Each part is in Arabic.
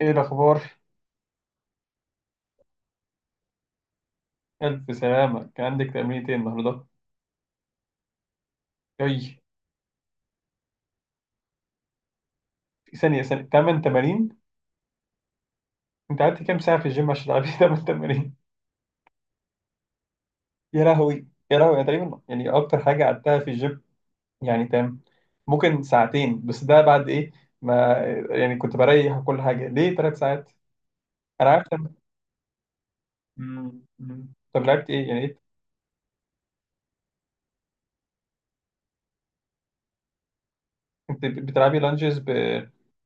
ايه الاخبار؟ الف سلامه. كان عندك تمرين ايه النهارده؟ اي؟ في ثانيه 8 تمارين؟ انت قعدت كام ساعه في الجيم عشان تلعبي 8 تمارين؟ يا لهوي يا لهوي، انا تقريبا يعني اكتر حاجه قعدتها في الجيم، يعني تمام، ممكن ساعتين، بس ده بعد ايه؟ ما يعني كنت بريح وكل حاجه ليه ثلاث ساعات. انا عارف. طب لعبت ايه يعني إيه؟ انت بتلعبي لانجز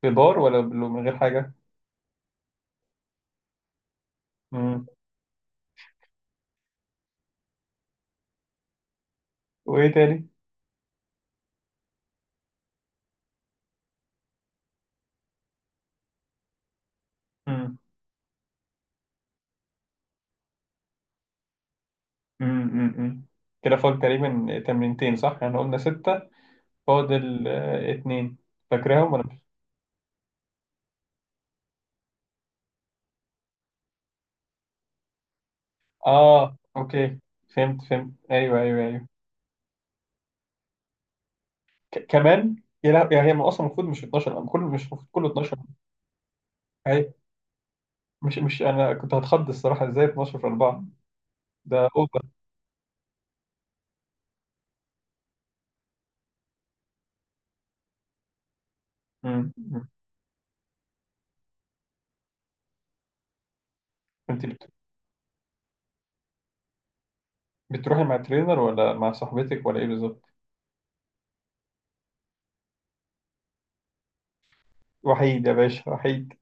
ببار ولا من غير حاجه؟ مم. وايه تاني؟ امم كده فاضل تقريبا تمرينتين صح؟ يعني قلنا ستة، فاضل اتنين. فاكرهم ولا مش؟ اه، اوكي، فهمت فهمت، ايوه ايوه ايوه. كمان؟ يا لا، يعني هي اصلا المفروض مش 12 كله، مش المفروض كله 12؟ اي؟ مش انا كنت هتخض الصراحة، ازاي 12 في 4؟ ده اوفر. أمم. انت بت- بتروحي مع ترينر ولا مع صاحبتك ولا ايه بالظبط؟ وحيد يا باشا، وحيد.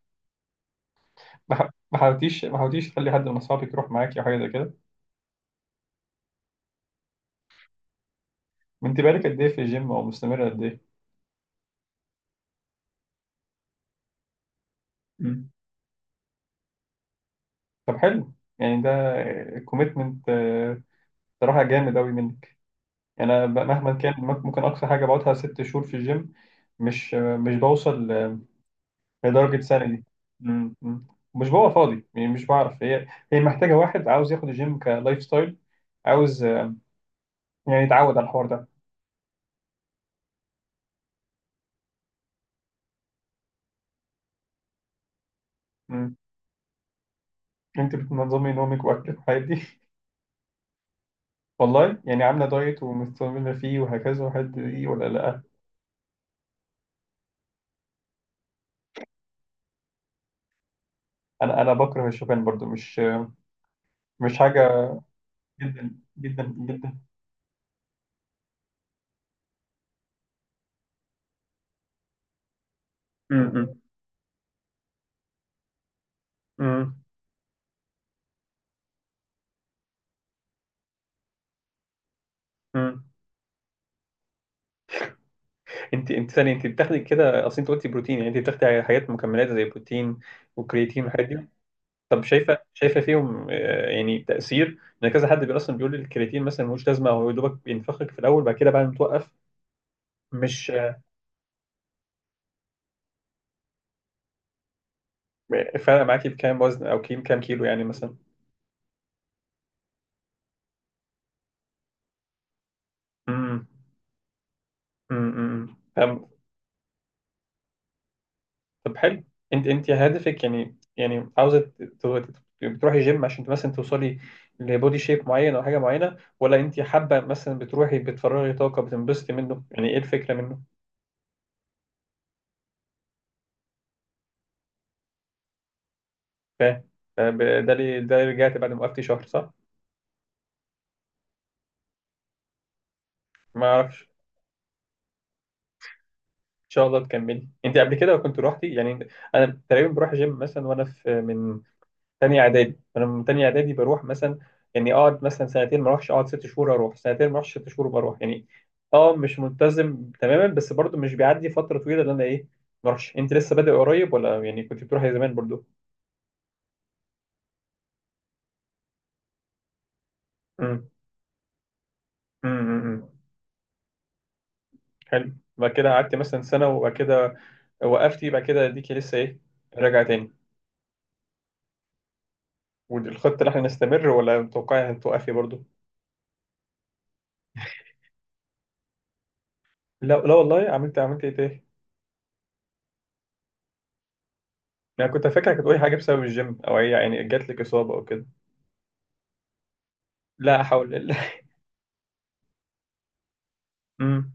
ما حاولتيش تخلي حد من اصحابك يروح معاكي او حاجه زي كده؟ انت بقالك قد ايه في الجيم او مستمره قد ايه؟ طب حلو. يعني ده كوميتمنت صراحة جامد أوي منك. يعني أنا مهما كان ممكن أقصى حاجة بقعدها ست شهور في الجيم. مش مش بوصل لدرجة سنة دي. م- م. مش ببقى فاضي، يعني مش بعرف. هي محتاجة واحد عاوز ياخد الجيم كلايف ستايل، عاوز يعني يتعود على الحوار ده. م. أنت بتنظمي نومك وأكلك والحاجات دي؟ والله؟ يعني عاملة دايت ومستمرة فيه وهكذا وحد دي ولا لأ؟ أنا بكره الشوفان برضو، مش مش حاجة. جدا جدا جدا. م- م. امم امم انت ثانيه، انت بتاخدي كده، اصل انت قلتي بروتين، يعني انت بتاخدي حاجات مكملات زي بروتين وكرياتين والحاجات دي؟ طب شايفه فيهم يعني تاثير؟ ان كذا حد اصلا بيقول لي الكرياتين مثلا ملوش لازمه، هو يا دوبك بينفخك في الاول، بعد كده بعد ما توقف، مش فارقه معاكي بكام وزن او كام كيلو يعني مثلا؟ امم امم طب حلو. انت هدفك، يعني عاوزه بتروحي جيم عشان مثلا توصلي لبودي شيب معين او حاجه معينه، ولا انت حابه مثلا بتروحي بتفرغي طاقه بتنبسطي منه؟ يعني ايه الفكره منه؟ فاهم. ده اللي رجعت بعد ما وقفتي شهر صح؟ ما اعرفش. ان شاء الله تكملي. انت قبل كده كنت روحتي يعني؟ انا تقريبا بروح جيم مثلا، وانا في تانية اعدادي، فانا من تانية اعدادي بروح مثلا، يعني اقعد مثلا سنتين ما اروحش، اقعد ست شهور اروح، سنتين ما اروحش، ست شهور بروح. يعني اه مش ملتزم تماما، بس برضو مش بيعدي فترة طويلة اللي انا ايه ما اروحش. انت لسه بادئ قريب ولا يعني كنت بتروحي زمان برضو؟ امم امم حلو. بعد كده قعدت مثلا سنة، وبعد كده وقفتي، بعد كده ديكي لسه ايه راجعة تاني؟ والخطة اللي احنا نستمر ولا متوقعي هتوقفي برضو؟ لا لا والله، عملت ايه تاني؟ انا كنت فاكرك هتقولي حاجة بسبب الجيم، او هي يعني جات لك اصابة او كده. لا حول. مم.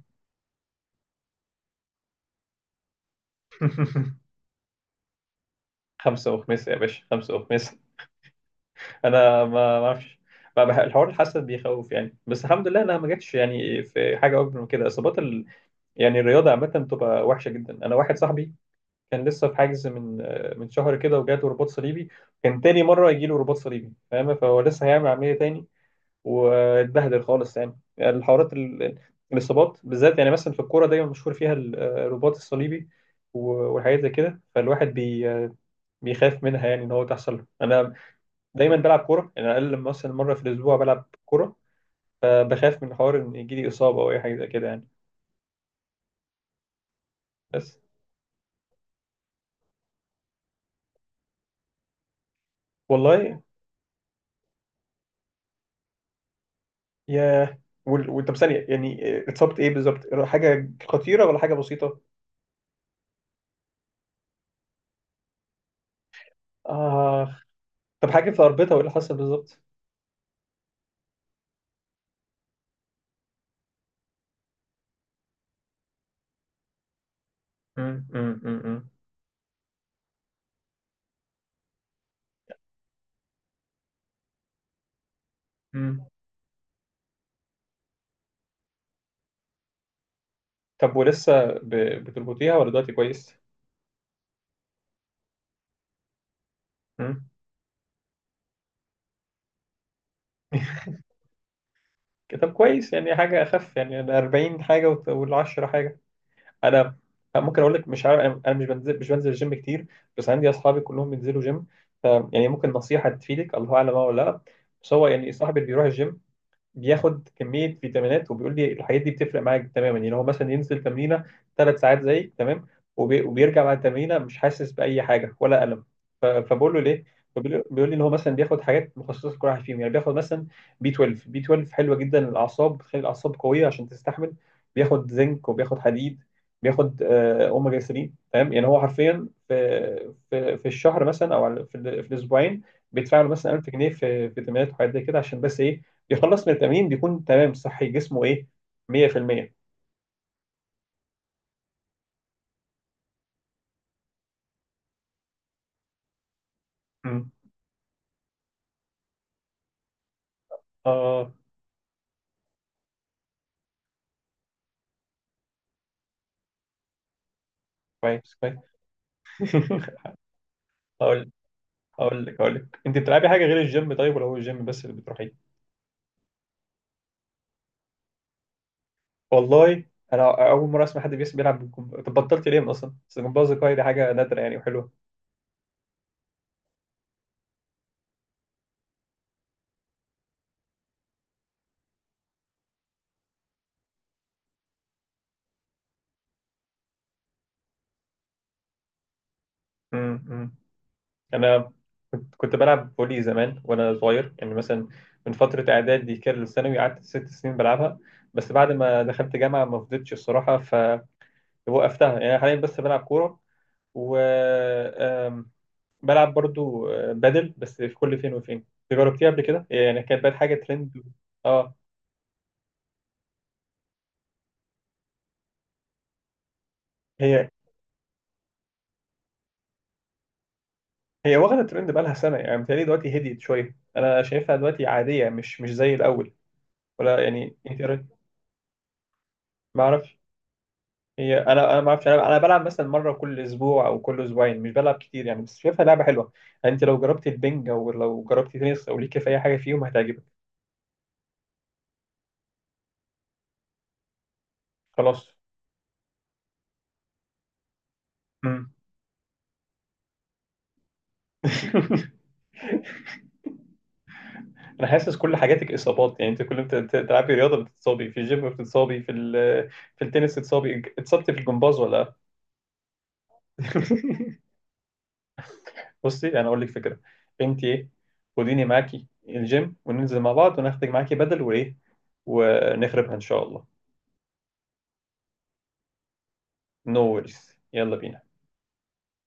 خمسة وخميس يا باشا، خمسة وخميس. أنا ما أعرفش. ما بح- الحوار، الحسد بيخوف يعني، بس الحمد لله أنا ما جاتش يعني في حاجة أكبر من كده. إصابات ال... يعني الرياضة عامة بتبقى وحشة جدا. أنا واحد صاحبي كان لسه في حاجز من شهر كده وجاته رباط صليبي، كان تاني مرة يجيله رباط صليبي، فاهم؟ فهو لسه هيعمل عملية تاني واتبهدل خالص. يعني الحوارات ال... الإصابات بالذات، يعني مثلا في الكورة دايما مشهور فيها الرباط الصليبي والحاجات زي كده، فالواحد بيخاف منها يعني، ان هو تحصل له. انا دايما بلعب كوره، يعني اقل لما مثلا مره في الاسبوع بلعب كوره، فبخاف من حوار ان يجي لي اصابه او اي حاجه زي كده يعني. بس. والله يا. طب ثانيه يعني، اتصبت ايه بالظبط؟ حاجه خطيره ولا حاجه بسيطه؟ اه. طب حاجه في اربطه وايه اللي حصل بالظبط؟ مم، مم، مم، مم، مم. طب بتربطيها ولا دلوقتي كويس؟ مم. طب كويس، يعني حاجه اخف، يعني ال 40 حاجه وال 10 حاجه. انا ممكن اقول لك، مش عارف، انا مش بنزل، الجيم كتير، بس عندي اصحابي كلهم بينزلوا جيم، ف يعني ممكن نصيحه تفيدك الله اعلم اه، ولا لا. بس هو يعني صاحبي اللي بيروح الجيم بياخد كميه فيتامينات، وبيقول لي الحاجات دي بتفرق معاك تماما، يعني هو مثلا ينزل تمرينه ثلاث ساعات زيك تمام، وبيرجع بعد التمرينه مش حاسس باي حاجه ولا الم، فبقول له ليه؟ بيقول لي ان هو مثلا بياخد حاجات مخصصه لكل واحد فيهم، يعني بياخد مثلا بي 12 حلوه جدا للاعصاب، بتخلي الاعصاب قويه عشان تستحمل، بياخد زنك وبياخد حديد، بياخد اوميجا 3، تمام؟ يعني هو حرفيا في الشهر مثلا، او في الاسبوعين بيدفع له مثلا 1000 جنيه في فيتامينات وحاجات زي كده، عشان بس ايه، يخلص من التمرين بيكون تمام صحي جسمه ايه، 100%. امم. اه كويس، كويس. هقول هقول لك، انت بتلعبي حاجه غير الجيم طيب ولا هو الجيم بس اللي بتروحيه؟ والله. انا اول مره اسمع حد بيلعب بالكمبيوتر. طب بطلت ليه اصلا؟ بس الجمباز الكاي دي حاجه نادره يعني وحلوه. أمم. انا كنت بلعب فولي زمان وانا صغير، يعني مثلا من فتره اعدادي كده للثانوي، قعدت ست سنين بلعبها، بس بعد ما دخلت جامعه ما فضيتش الصراحه فوقفتها. يعني أنا حاليا بس بلعب كوره، وبلعب برضو بادل، بس في كل فين وفين. جربتيها قبل كده؟ يعني كانت بقت حاجة ترند. اه. هي هي واخدة ترند بقالها سنة، يعني متهيألي دلوقتي هديت شوية، أنا شايفها دلوقتي عادية، مش زي الأول، ولا يعني؟ أنت إيه رأيك؟ ما أعرفش. هي، أنا ما أعرفش، أنا بلعب مثلا مرة كل أسبوع أو كل أسبوعين، مش بلعب كتير يعني، بس شايفها لعبة حلوة. يعني أنت لو جربتي البنج، أو لو جربتي تنس، أو ليكي في أي حاجة فيهم هتعجبك. خلاص. مم. انا حاسس كل حاجاتك اصابات، يعني انت كل ما بتلعبي رياضه بتتصابي، في الجيم بتتصابي، في في التنس بتتصابي، اتصبت في الجمباز ولا؟ بصي انا اقول لك فكره. انت ايه، خديني معاكي الجيم، وننزل مع بعض، وناخدك معاكي بدل وايه، ونخربها ان شاء الله. نو no worries. يلا بينا.